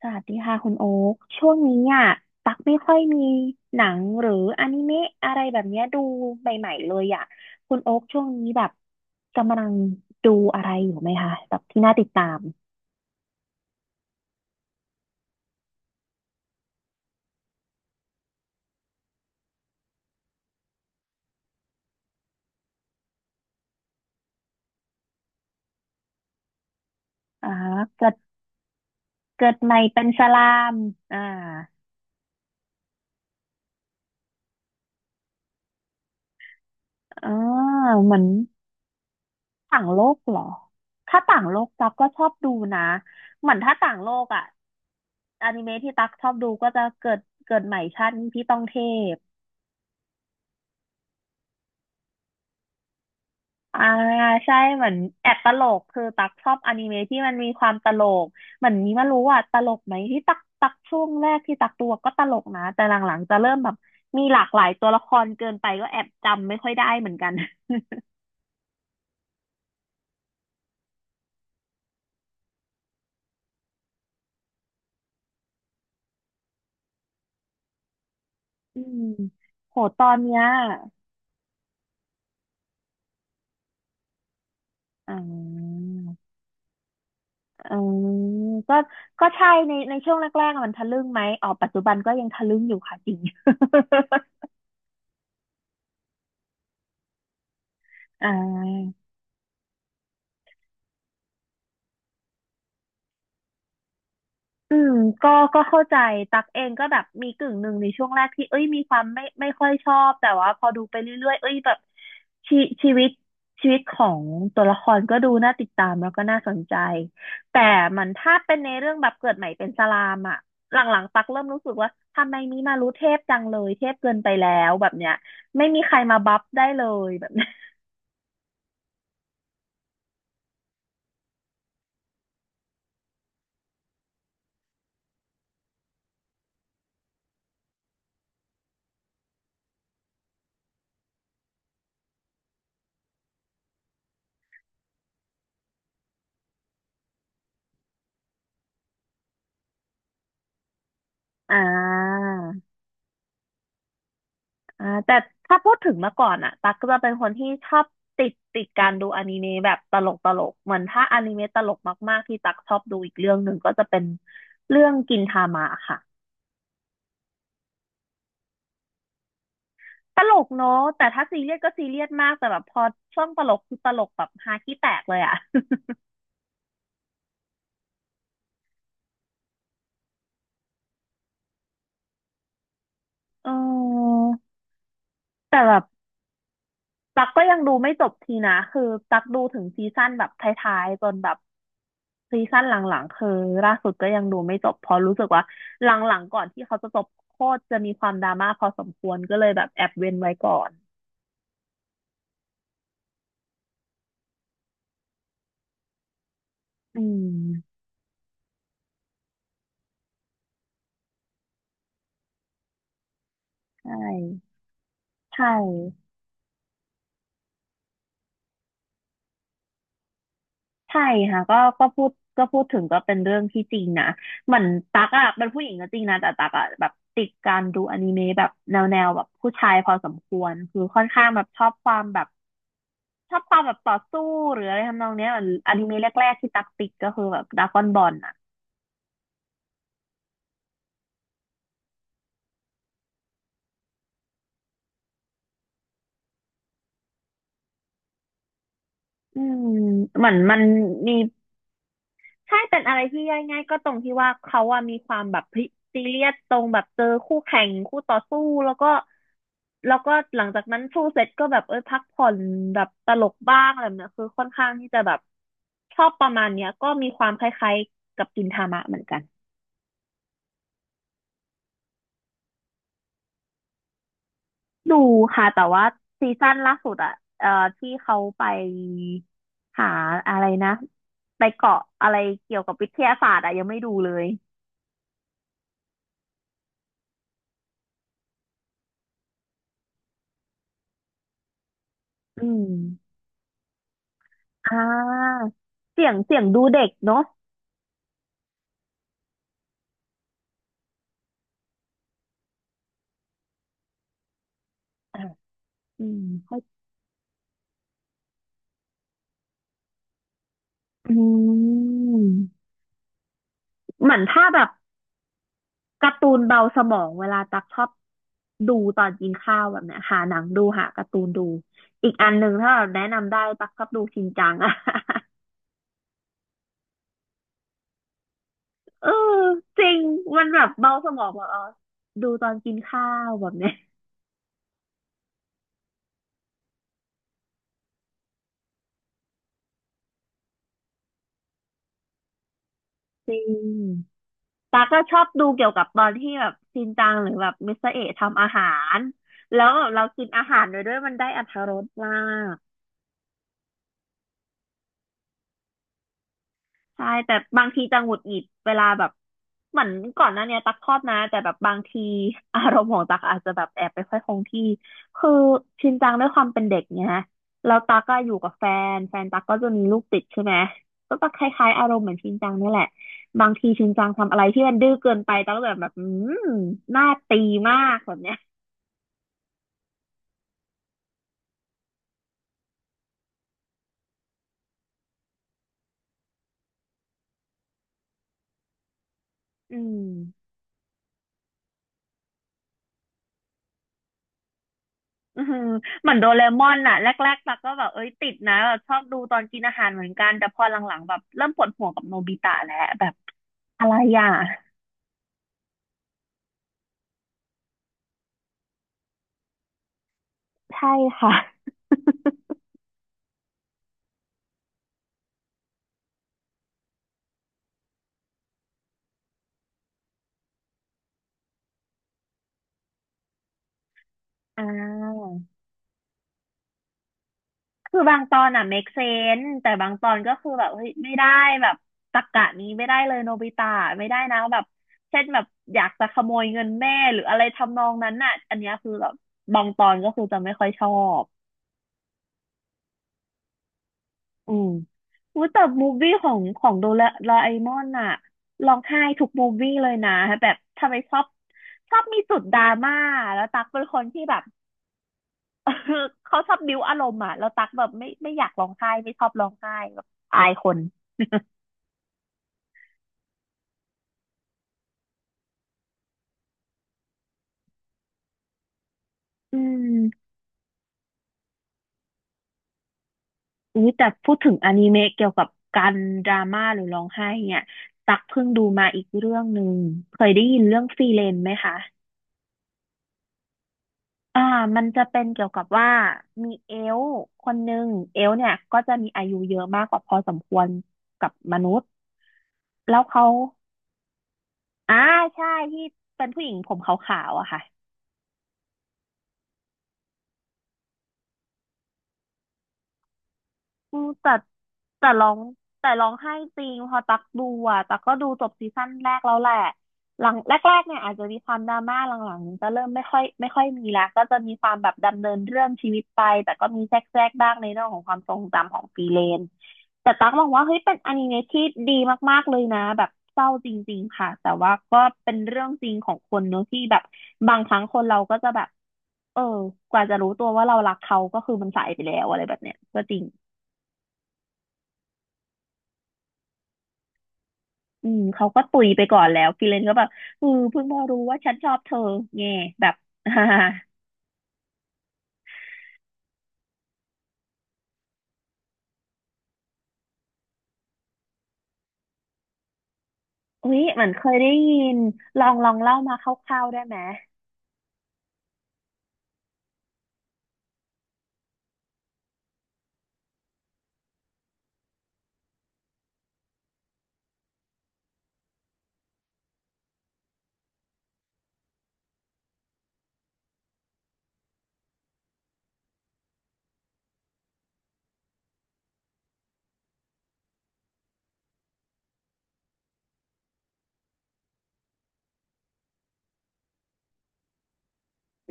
สวัสดีค่ะคุณโอ๊คช่วงนี้อ่ะตักไม่ค่อยมีหนังหรืออนิเมะอะไรแบบเนี้ยดูใหม่ๆเลยอ่ะคุณโอ๊คช่วงนี้แบบกำลังดูอะไรอยู่ไหมคะแบบที่น่าติดตามอ่าเกิดเกิดใหม่เป็นสลามอ่าอ่าเหมือนต่างโลกเหรอถ้าต่างโลกตักก็ชอบดูนะเหมือนถ้าต่างโลกอ่ะอนิเมะที่ตักชอบดูก็จะเกิดใหม่ชาตินี้พี่ต้องเทพ อ่าใช่เหมือนแอบตลกคือตักชอบอนิเมะที่มันมีความตลกเหมือนนี้มารู้ว่าตลกไหมที่ตักช่วงแรกที่ตักตัวก็ตลกนะแต่หลังๆจะเริ่มแบบมีหลากหลายตัวละครเกินไปก็แอบจำไม่ค่อยได้เหมือนกันอืมโหตอนเนี้ยอ่าอืมก็ก็ใช่ในช่วงแรกๆอะมันทะลึ่งไหมอ๋อปัจจุบันก็ยังทะลึ่งอยู่ค่ะจริง อ่า อืมก็เข้าใจตักเองก็แบบมีกึ่งหนึ่งในช่วงแรกที่เอ้ยมีความไม่ค่อยชอบแต่ว่าพอดูไปเรื่อยๆเอ้ยแบบชีชีวิตชีวิตของตัวละครก็ดูน่าติดตามแล้วก็น่าสนใจแต่มันถ้าเป็นในเรื่องแบบเกิดใหม่เป็นสลามอะหลังๆตักเริ่มรู้สึกว่าทำไมนี้มารู้เทพจังเลยเทพเกินไปแล้วแบบเนี้ยไม่มีใครมาบัฟได้เลยแบบเนี้ยอ่า อ่าแต่ถ้าพูดถึงเมื่อก่อนอะตั๊กก็จะเป็นคนที่ชอบติดการดูอนิเมะแบบตลกเหมือนถ้าอนิเมะตลกมากๆที่ตั๊กชอบดูอีกเรื่องหนึ่งก็จะเป็นเรื่องกินทามะค่ะตลกเนอะแต่ถ้าซีเรียสก็ซีเรียสมากแต่แบบพอช่วงตลกคือตลกแบบฮาขี้แตกเลยอะ เออแต่แบบตั๊กก็ยังดูไม่จบทีนะคือตั๊กดูถึงซีซั่นแบบท้ายๆจนแบบ ซีซั่นหลังๆคือล่าสุดก็ยังดูไม่จบเพราะรู้สึกว่าหลังๆก่อนที่เขาจะจบโคตรจะมีความดราม่าพอสมควรก็เลยแบบแอบเว้นไว้ก่อนอืมใช่ใช่ใช่ค่ะก็พูดถึงก็เป็นเรื่องที่จริงนะเหมือนตักอะเป็นผู้หญิงก็จริงนะแต่ตักอะแบบติดการดูอนิเมะแบบแนวแบบผู้ชายพอสมควรคือค่อนข้างแบบชอบความแบบต่อสู้หรืออะไรทำนองเนี้ยเหมือนอนิเมะแรกๆที่ตักติดก็คือแบบดราก้อนบอลอะ อืมเหมือนมันมีใช่เป็นอะไรที่ย่อยง่ายก็ตรงที่ว่าเขาอะมีความแบบซีเรียสตรงแบบเจอคู่แข่งคู่ต่อสู้แล้วก็หลังจากนั้นสู้เสร็จก็แบบเออพักผ่อนแบบตลกบ้างอะไรแบบเนี้ยคือค่อนข้างที่จะแบบชอบประมาณเนี้ยก็มีความคล้ายๆกับกินทามะเหมือนกันดูค่ะแต่ว่าซีซั่นล่าสุดอะเอ่อที่เขาไปหาอะไรนะไปเกาะอะไรเกี่ยวกับวิทยาศาสตร์อะยังไม่ดูเลยอืม อ่าเสียงดูเด็กเนาะอ่ะอืมเข้าอืมเหมือนถ้าแบบการ์ตูนเบาสมองเวลาตักชอบดูตอนกินข้าวแบบเนี้ยหาหนังดูหาการ์ตูนดูอีกอันหนึ่งถ้าแบบแนะนำได้ตักชอบดูชินจังอะ เออจริงมันแบบเบาสมองแบบอ๋อดูตอนกินข้าวแบบเนี้ยจริง ตาก็ชอบดูเกี่ยวกับตอนที่แบบชินจังหรือแบบมิสเตอร์เอะทำอาหารแล้วแบบเรากินอาหารไปด้วยมันได้อรรถรสมากใช่แต่บางทีจะหงุดหงิดเวลาแบบเหมือนก่อนหน้าเนี้ยตักชอบนะแต่แบบบางทีอารมณ์ของตักอาจจะแบบแอบไปค่อยคงที่คือชินจังด้วยความเป็นเด็กเนี่ยแล้วตักก็อยู่กับแฟนตักก็จะมีลูกติดใช่ไหมก็จกคล้ายๆอารมณ์เหมือนชินจังนี่แหละบางทีชินจังทำอะไรที่มันดื้อเกินไปตักก็แบบอืมน่าตีมากแบบเนี้ย อืมอือหือเหมือนโดเรมอนน่ะแรกๆตัก็แบบเอ้ยติดนะแบบชอบดูตอนกินอาหารเหมือนกันแต่พอหลังๆแบบเริ่มปวดหัวกับโนบิตะแล้วแบบอะไรอ่ะใช่ค่ะอ่าคือบางตอนอ่ะ make sense แต่บางตอนก็คือแบบเฮ้ยไม่ได้แบบตรรกะนี้ไม่ได้เลยโนบิตะไม่ได้นะแบบเช่นแบบอยากจะขโมยเงินแม่หรืออะไรทำนองนั้นน่ะอันเนี้ยคือแบบบางตอนก็คือจะไม่ค่อยชอบ อืมอุ๊ยแต่มูฟวี่ของโดราเอมอนอะร้องไห้ทุกมูฟวี่เลยนะแบบทำไมชอบมีจุดดราม่าแล้วตั๊กเป็นคนที่แบบ เขาชอบบิ้วอารมณ์อะแล้วตั๊กแบบไม่อยากร้องไห้ไม่ชอบร้องไห้แบบอายคน อืมอุ้ยแต่พูดถึงอนิเมะเกี่ยวกับการดราม่าหรือร้องไห้เนี่ยตักเพิ่งดูมาอีกเรื่องหนึ่งเคยได้ยินเรื่องฟรีเลนไหมคะ อ่า มันจะเป็นเกี่ยวกับว่ามีเอลฟ์คนหนึ่งเอลฟ์เนี่ยก็จะมีอายุเยอะมากกว่าพอสมควรกับมนุษย์แล้วเขาอ่าใช่ที่เป็นผู้หญิงผมขาวๆอะค่ะ อืมแต่ร้องแต่ร้องไห้จริงพอตักดูอ่ะตักก็ดูจบซีซั่นแรกแล้วแหละหลังแรกๆเนี่ยอาจจะมีความดราม่าหลังๆจะเริ่มไม่ค่อยมีแล้วก็จะมีความแบบดำเนินเรื่องชีวิตไปแต่ก็มีแทรกๆบ้างในเรื่องของความทรงจำของฟรีเลนแต่ตักมองว่าเฮ้ยเป็นอนิเมะที่ดีมากๆเลยนะแบบเศร้าจริงๆค่ะแต่ว่าก็เป็นเรื่องจริงของคนเนอะที่แบบบางครั้งคนเราก็จะแบบเออกว่าจะรู้ตัวว่าเรารักเขาก็คือมันสายไปแล้วอะไรแบบเนี้ยก็จริง อืมเขาก็ตุยไปก่อนแล้วฟิเลนก็แบบเอือเพิ่งมารู้ว่าฉันชอบเธอแง่แบบ อุ๊ยเหมือนเคยได้ยินลองเล่ามาคร่าวๆได้ไหม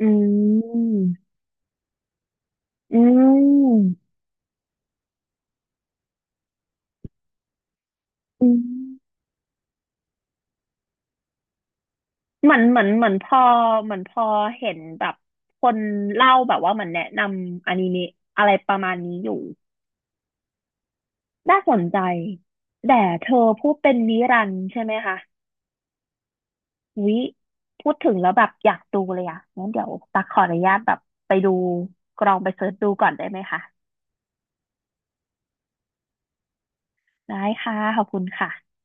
อืมอืมอืมเหมือนพอเหมือนพอเห็นแบบคนเล่าแบบว่าเหมือนแนะนำอนิเมะอะไรประมาณนี้อยู่น่าสนใจแต่เธอพูดเป็นนิรันดร์ใช่ไหมคะ วิพูดถึงแล้วแบบอยากดูเลยอ่ะงั้นเดี๋ยวตักขออนุญาตแบบไปดูกลองไปเสิร์ชดูก่อนได้ไหมคะได้ค่ะขอบคุณค่ะ